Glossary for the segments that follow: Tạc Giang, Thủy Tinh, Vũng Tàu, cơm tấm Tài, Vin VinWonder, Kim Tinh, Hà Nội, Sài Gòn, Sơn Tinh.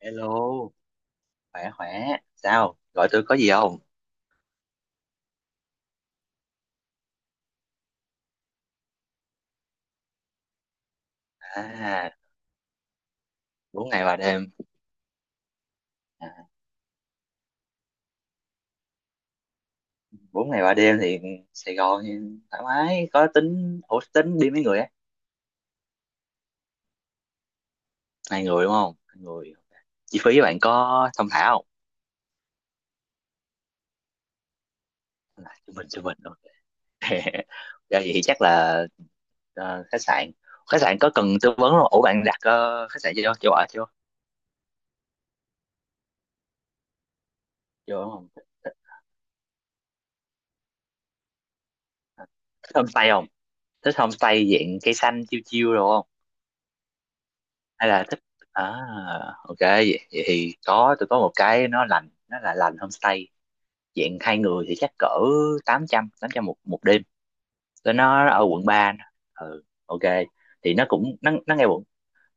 Hello, khỏe khỏe. Sao? Gọi tôi có gì không? À, bốn ngày ba đêm. À, bốn ngày ba đêm thì Sài Gòn thì thoải mái. Có tính, ủa tính đi mấy người á? Hai người đúng không? Hai người. Ok. Chi phí bạn có thông thả không? À, chúng mình. Ok. Ra vậy thì chắc là khách sạn. Khách sạn có cần tư vấn không? Ủa bạn đặt khách sạn chưa? Chưa ở chưa? Chưa đúng không? Thích homestay không? Thích homestay dạng cây xanh chiêu chiêu rồi hay là thích à ok vậy, vậy thì có tôi có một cái nó lành nó là lành homestay dạng hai người thì chắc cỡ tám trăm một một đêm, tôi nó ở quận ba, ừ ok, thì nó cũng nó ngay quận,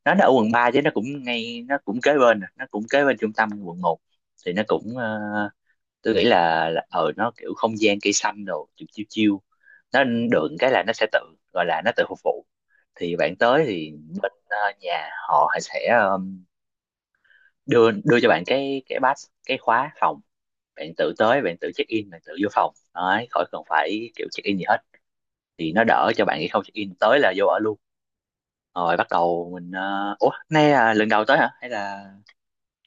nó ở quận 3 chứ nó cũng ngay nó cũng kế bên, nó cũng kế bên trung tâm quận một, thì nó cũng tôi nghĩ là, là nó kiểu không gian cây xanh đồ chiêu chiêu chiêu, nó được cái là nó sẽ tự gọi là nó tự phục vụ, thì bạn tới thì bên nhà họ sẽ đưa đưa cho bạn cái pass cái khóa phòng, bạn tự tới bạn tự check in bạn tự vô phòng đấy, khỏi cần phải kiểu check in gì hết, thì nó đỡ cho bạn khi không check in tới là vô ở luôn, rồi bắt đầu mình ủa nay là lần đầu tới hả hay là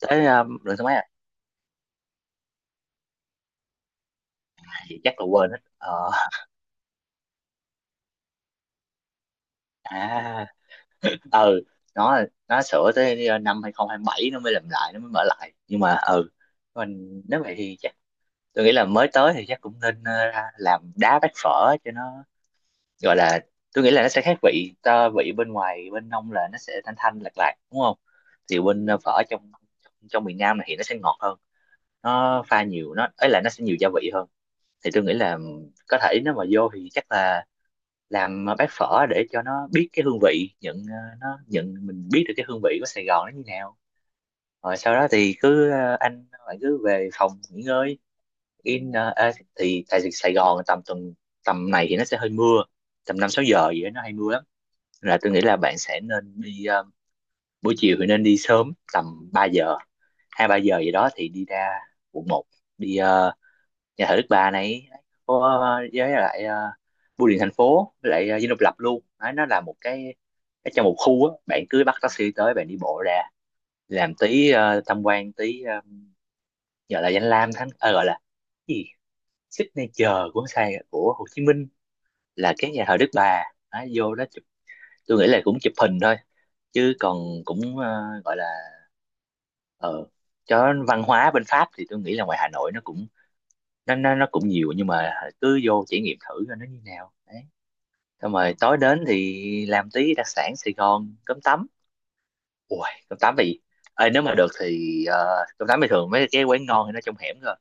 tới lần thứ mấy à. Thì chắc là quên hết à ừ nó nó sửa tới 2027 nó mới làm lại nó mới mở lại, nhưng mà ừ mình nếu vậy thì chắc tôi nghĩ là mới tới thì chắc cũng nên ra làm đá bát phở cho nó gọi là, tôi nghĩ là nó sẽ khác vị ta vị bên ngoài bên nông, là nó sẽ thanh thanh lạt lạt đúng không, thì bên phở trong trong miền Nam này thì nó sẽ ngọt hơn, nó pha nhiều nó ấy là nó sẽ nhiều gia vị hơn, thì tôi nghĩ là có thể nếu mà vô thì chắc là làm bát phở để cho nó biết cái hương vị nhận nó nhận mình biết được cái hương vị của Sài Gòn nó như nào, rồi sau đó thì cứ anh bạn cứ về phòng nghỉ ngơi, in thì tại Sài Gòn tầm tuần tầm này thì nó sẽ hơi mưa, tầm năm sáu giờ gì đó nó hay mưa lắm, là tôi nghĩ là bạn sẽ nên đi buổi chiều thì nên đi sớm tầm 3 giờ, hai ba giờ gì đó thì đi ra quận một, đi nhà thờ Đức Bà này có với lại bưu điện thành phố, với lại Dinh Độc Lập luôn. Đấy, nó là một cái trong một khu á, bạn cứ bắt taxi tới bạn đi bộ ra làm tí tham quan tí gọi là danh lam thắng gọi là cái gì, signature của Sài của Hồ Chí Minh là cái nhà thờ Đức Bà. Đấy, vô đó chụp, tôi nghĩ là cũng chụp hình thôi chứ còn cũng gọi là ờ cho văn hóa bên Pháp thì tôi nghĩ là ngoài Hà Nội nó cũng nó cũng nhiều, nhưng mà cứ vô trải nghiệm thử coi nó như nào đấy. Xong rồi tối đến thì làm tí đặc sản Sài Gòn cơm tấm, ui cơm tấm thì ơi nếu mà được thì cơm tấm thì thường mấy cái quán ngon thì nó trong hẻm rồi,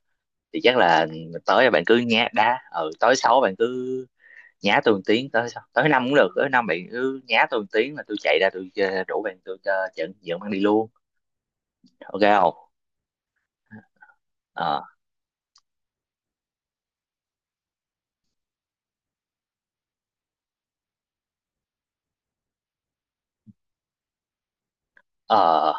thì chắc là tới là bạn cứ nhá đá ừ tới sáu bạn cứ nhá tôi một tiếng tới sao tới năm cũng được, tới năm bạn cứ nhá tôi một tiếng là tôi chạy ra tôi rủ bạn tôi dẫn dẫn bạn đi luôn, ok không. ờ ờ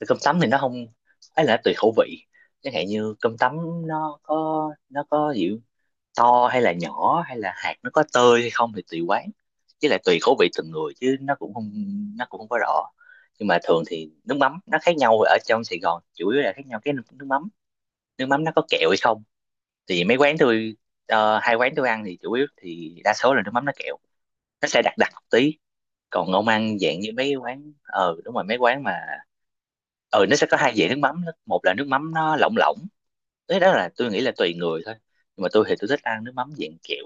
Thì cơm tấm thì nó không ấy là nó tùy khẩu vị, chẳng hạn như cơm tấm nó có nó có kiểu to hay là nhỏ, hay là hạt nó có tơi hay không thì tùy quán, chứ lại tùy khẩu vị từng người, chứ nó cũng không có rõ. Nhưng mà thường thì nước mắm nó khác nhau, ở trong Sài Gòn chủ yếu là khác nhau cái nước nước mắm nó có kẹo hay không, thì mấy quán tôi hai quán tôi ăn thì chủ yếu thì đa số là nước mắm nó kẹo, nó sẽ đặc đặc một tí. Còn ông ăn dạng như mấy quán ờ đúng rồi mấy quán mà ừ nó sẽ có hai dạng nước mắm đó. Một là nước mắm nó lỏng lỏng, đấy đó là tôi nghĩ là tùy người thôi, nhưng mà tôi thì tôi thích ăn nước mắm dạng kẹo,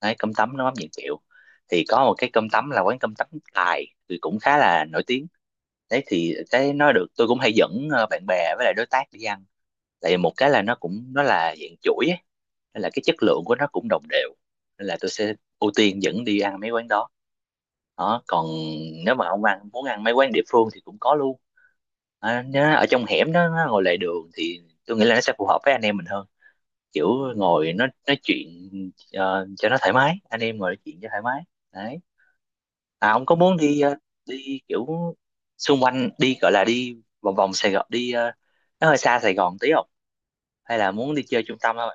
đấy cơm tấm nước mắm dạng kẹo, thì có một cái cơm tấm là quán cơm tấm Tài thì cũng khá là nổi tiếng. Đấy thì cái nó được tôi cũng hay dẫn bạn bè với lại đối tác đi ăn, tại vì một cái là nó là dạng chuỗi ấy, nên là cái chất lượng của nó cũng đồng đều, nên là tôi sẽ ưu tiên dẫn đi ăn mấy quán đó. Đó còn nếu mà ông ăn muốn ăn mấy quán địa phương thì cũng có luôn, nó ở trong hẻm đó nó ngồi lề đường thì tôi nghĩ là nó sẽ phù hợp với anh em mình hơn, kiểu ngồi nó nói chuyện cho nó thoải mái, anh em ngồi nói chuyện cho thoải mái đấy. À ông có muốn đi đi kiểu xung quanh đi gọi là đi vòng vòng Sài Gòn, đi nó hơi xa Sài Gòn tí không, hay là muốn đi chơi trung tâm không.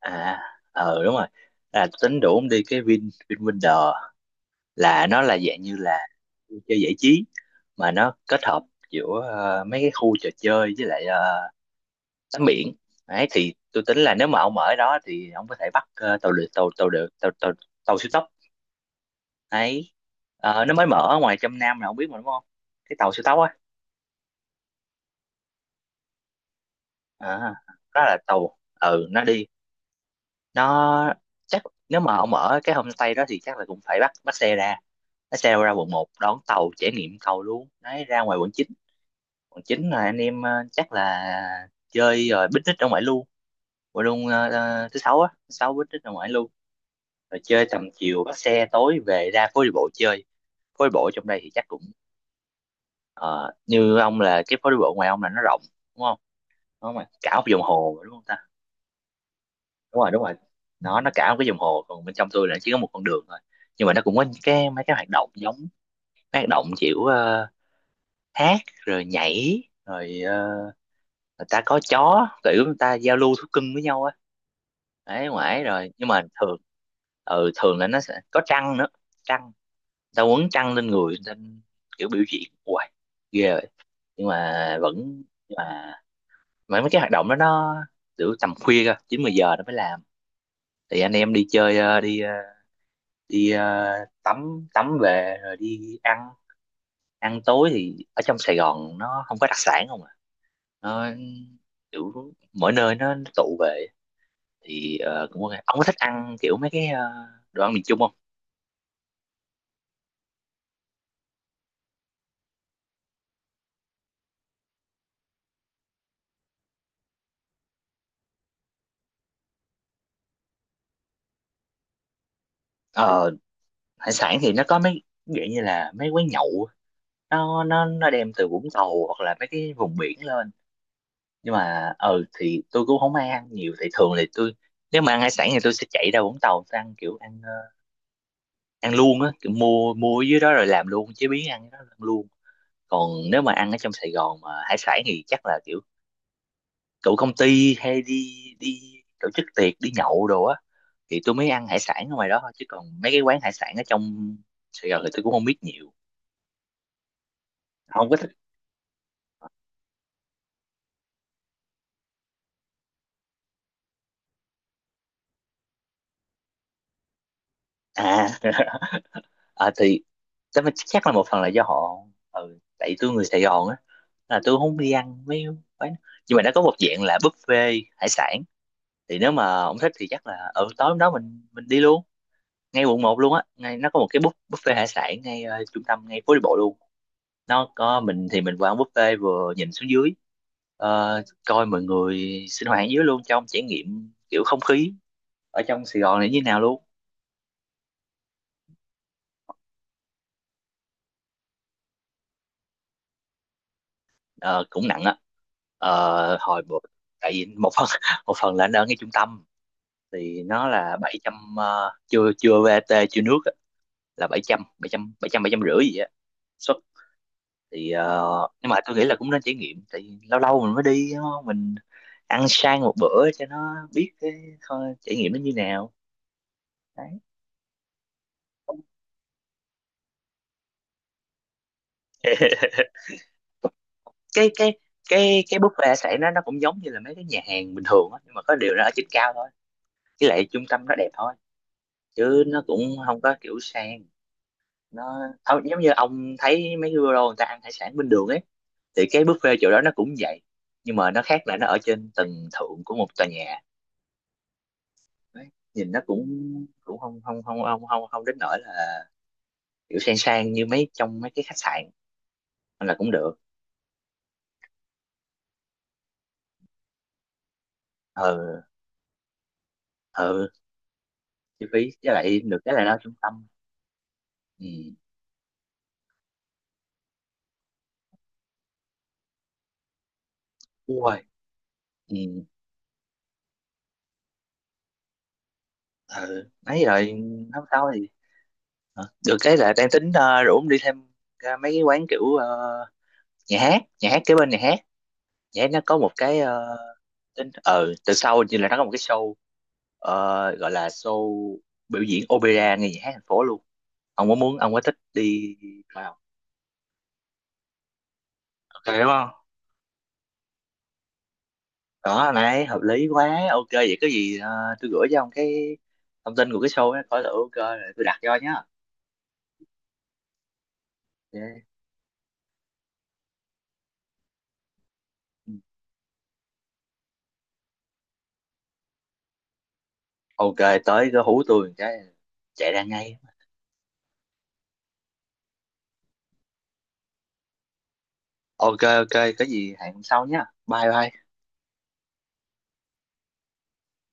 À ờ đúng rồi là tính đủ ông đi cái Vin VinWonder, là nó là dạng như là vui chơi giải trí mà nó kết hợp giữa mấy cái khu trò chơi với lại tắm biển. Đấy thì tôi tính là nếu mà ông ở đó thì ông có thể bắt tàu lượt tàu tàu được tàu tàu, tàu siêu tốc đấy. Ờ, nó mới mở ở ngoài trong Nam là ông biết mà đúng không, cái tàu siêu tốc á. À, đó là tàu ừ nó đi nó chắc nếu mà ông ở cái homestay đó thì chắc là cũng phải bắt bắt xe ra, bắt xe ra quận một đón tàu trải nghiệm tàu luôn đấy, ra ngoài quận chín, quận 9 là anh em chắc là chơi rồi picnic ở ngoài luôn, thứ sáu á thứ sáu picnic ở ngoài luôn, rồi chơi tầm chiều bắt xe tối về ra phố đi bộ chơi. Phố đi bộ trong đây thì chắc cũng ờ, như ông là cái phố đi bộ ngoài ông là nó rộng đúng không, nó mà cả một vòng hồ mà, đúng không ta. Đúng rồi đúng rồi, nó cả một cái vòng hồ, còn bên trong tôi là chỉ có một con đường thôi, nhưng mà nó cũng có những cái mấy cái hoạt động giống mấy hoạt động kiểu hát rồi nhảy rồi người ta có chó kiểu người ta giao lưu thú cưng với nhau á, đấy ngoài ấy. Rồi nhưng mà thường ừ thường là nó sẽ có trăng nữa, trăng ta quấn chăn lên người nên kiểu biểu diễn hoài ghê rồi, nhưng mà vẫn nhưng mà mấy cái hoạt động đó nó kiểu tầm khuya cơ chín mười giờ nó mới làm, thì anh em đi chơi đi ờ, tắm tắm về rồi đi ăn. Ăn tối thì ở trong Sài Gòn nó không có đặc sản không à, nó kiểu mỗi nơi nó tụ về, thì cũng ok, ông có thích ăn kiểu mấy cái đồ ăn miền Trung không. Ờ hải sản thì nó có mấy dạng như là mấy quán nhậu á. Nó đem từ Vũng Tàu hoặc là mấy cái vùng biển lên, nhưng mà ừ thì tôi cũng không ai ăn nhiều, thì thường thì tôi nếu mà ăn hải sản thì tôi sẽ chạy ra Vũng Tàu tôi ăn kiểu ăn ăn luôn á, kiểu mua mua ở dưới đó rồi làm luôn chế biến ăn cái đó ăn luôn. Còn nếu mà ăn ở trong Sài Gòn mà hải sản thì chắc là kiểu tụ công ty hay đi đi tổ chức tiệc đi nhậu đồ á, thì tôi mới ăn hải sản ở ngoài đó thôi, chứ còn mấy cái quán hải sản ở trong Sài Gòn thì tôi cũng không biết nhiều, không có à. À thì chắc chắc là một phần là do họ ừ, tại tôi người Sài Gòn á, là tôi không đi ăn mấy quán, nhưng mà nó có một dạng là buffet hải sản, thì nếu mà ông thích thì chắc là ở tối hôm đó mình đi luôn, ngay quận một luôn á, ngay nó có một cái buffet hải sản ngay trung tâm ngay phố đi bộ luôn. Nó có mình thì mình qua ăn buffet vừa nhìn xuống dưới coi mọi người sinh hoạt dưới luôn cho ông trải nghiệm kiểu không khí ở trong Sài Gòn này như thế nào luôn. Ờ, cũng nặng á. Ờ, tại vì một phần một phần là anh ở ngay trung tâm, thì nó là 700 chưa chưa VAT chưa nước á, là bảy trăm rưỡi gì á suất. Thì nhưng mà tôi nghĩ là cũng nên trải nghiệm, tại vì lâu lâu mình mới đi đúng không? Mình ăn sang một bữa cho nó biết cái trải nghiệm nó như nào đấy. cái cái cái buffet sẽ nó cũng giống như là mấy cái nhà hàng bình thường á, nhưng mà có điều nó ở trên cao thôi, với lại trung tâm nó đẹp thôi, chứ nó cũng không có kiểu sang nó thôi, giống như ông thấy mấy cái bureau người ta ăn hải sản bên đường ấy, thì cái buffet chỗ đó nó cũng vậy, nhưng mà nó khác là nó ở trên tầng thượng của một tòa nhà. Đấy. Nhìn nó cũng cũng không không không không không không đến nỗi là kiểu sang sang như mấy trong mấy cái khách sạn, nên là cũng được. Ừ ừ chi phí với lại được cái là nó ở trung tâm. Ừ ui ừ ừ mấy rồi nói sau thì. Hả? Được cái là đang tính rủ ông đi thêm ra mấy cái quán kiểu nhà hát kế bên nhà hát nhé, nó có một cái tính từ sau như là nó có một cái show gọi là show biểu diễn opera nghe nhạc hát thành phố luôn, ông có muốn ông có thích đi vào, ok đúng không. Đó này hợp lý quá ok vậy có gì tôi gửi cho ông cái thông tin của cái show ấy coi thử ok rồi tôi đặt cho nhá ok. Ừ. Ok, tới cứ hú tôi một cái chạy ra ngay. Ok ok có gì hẹn hôm sau nhé, bye bye.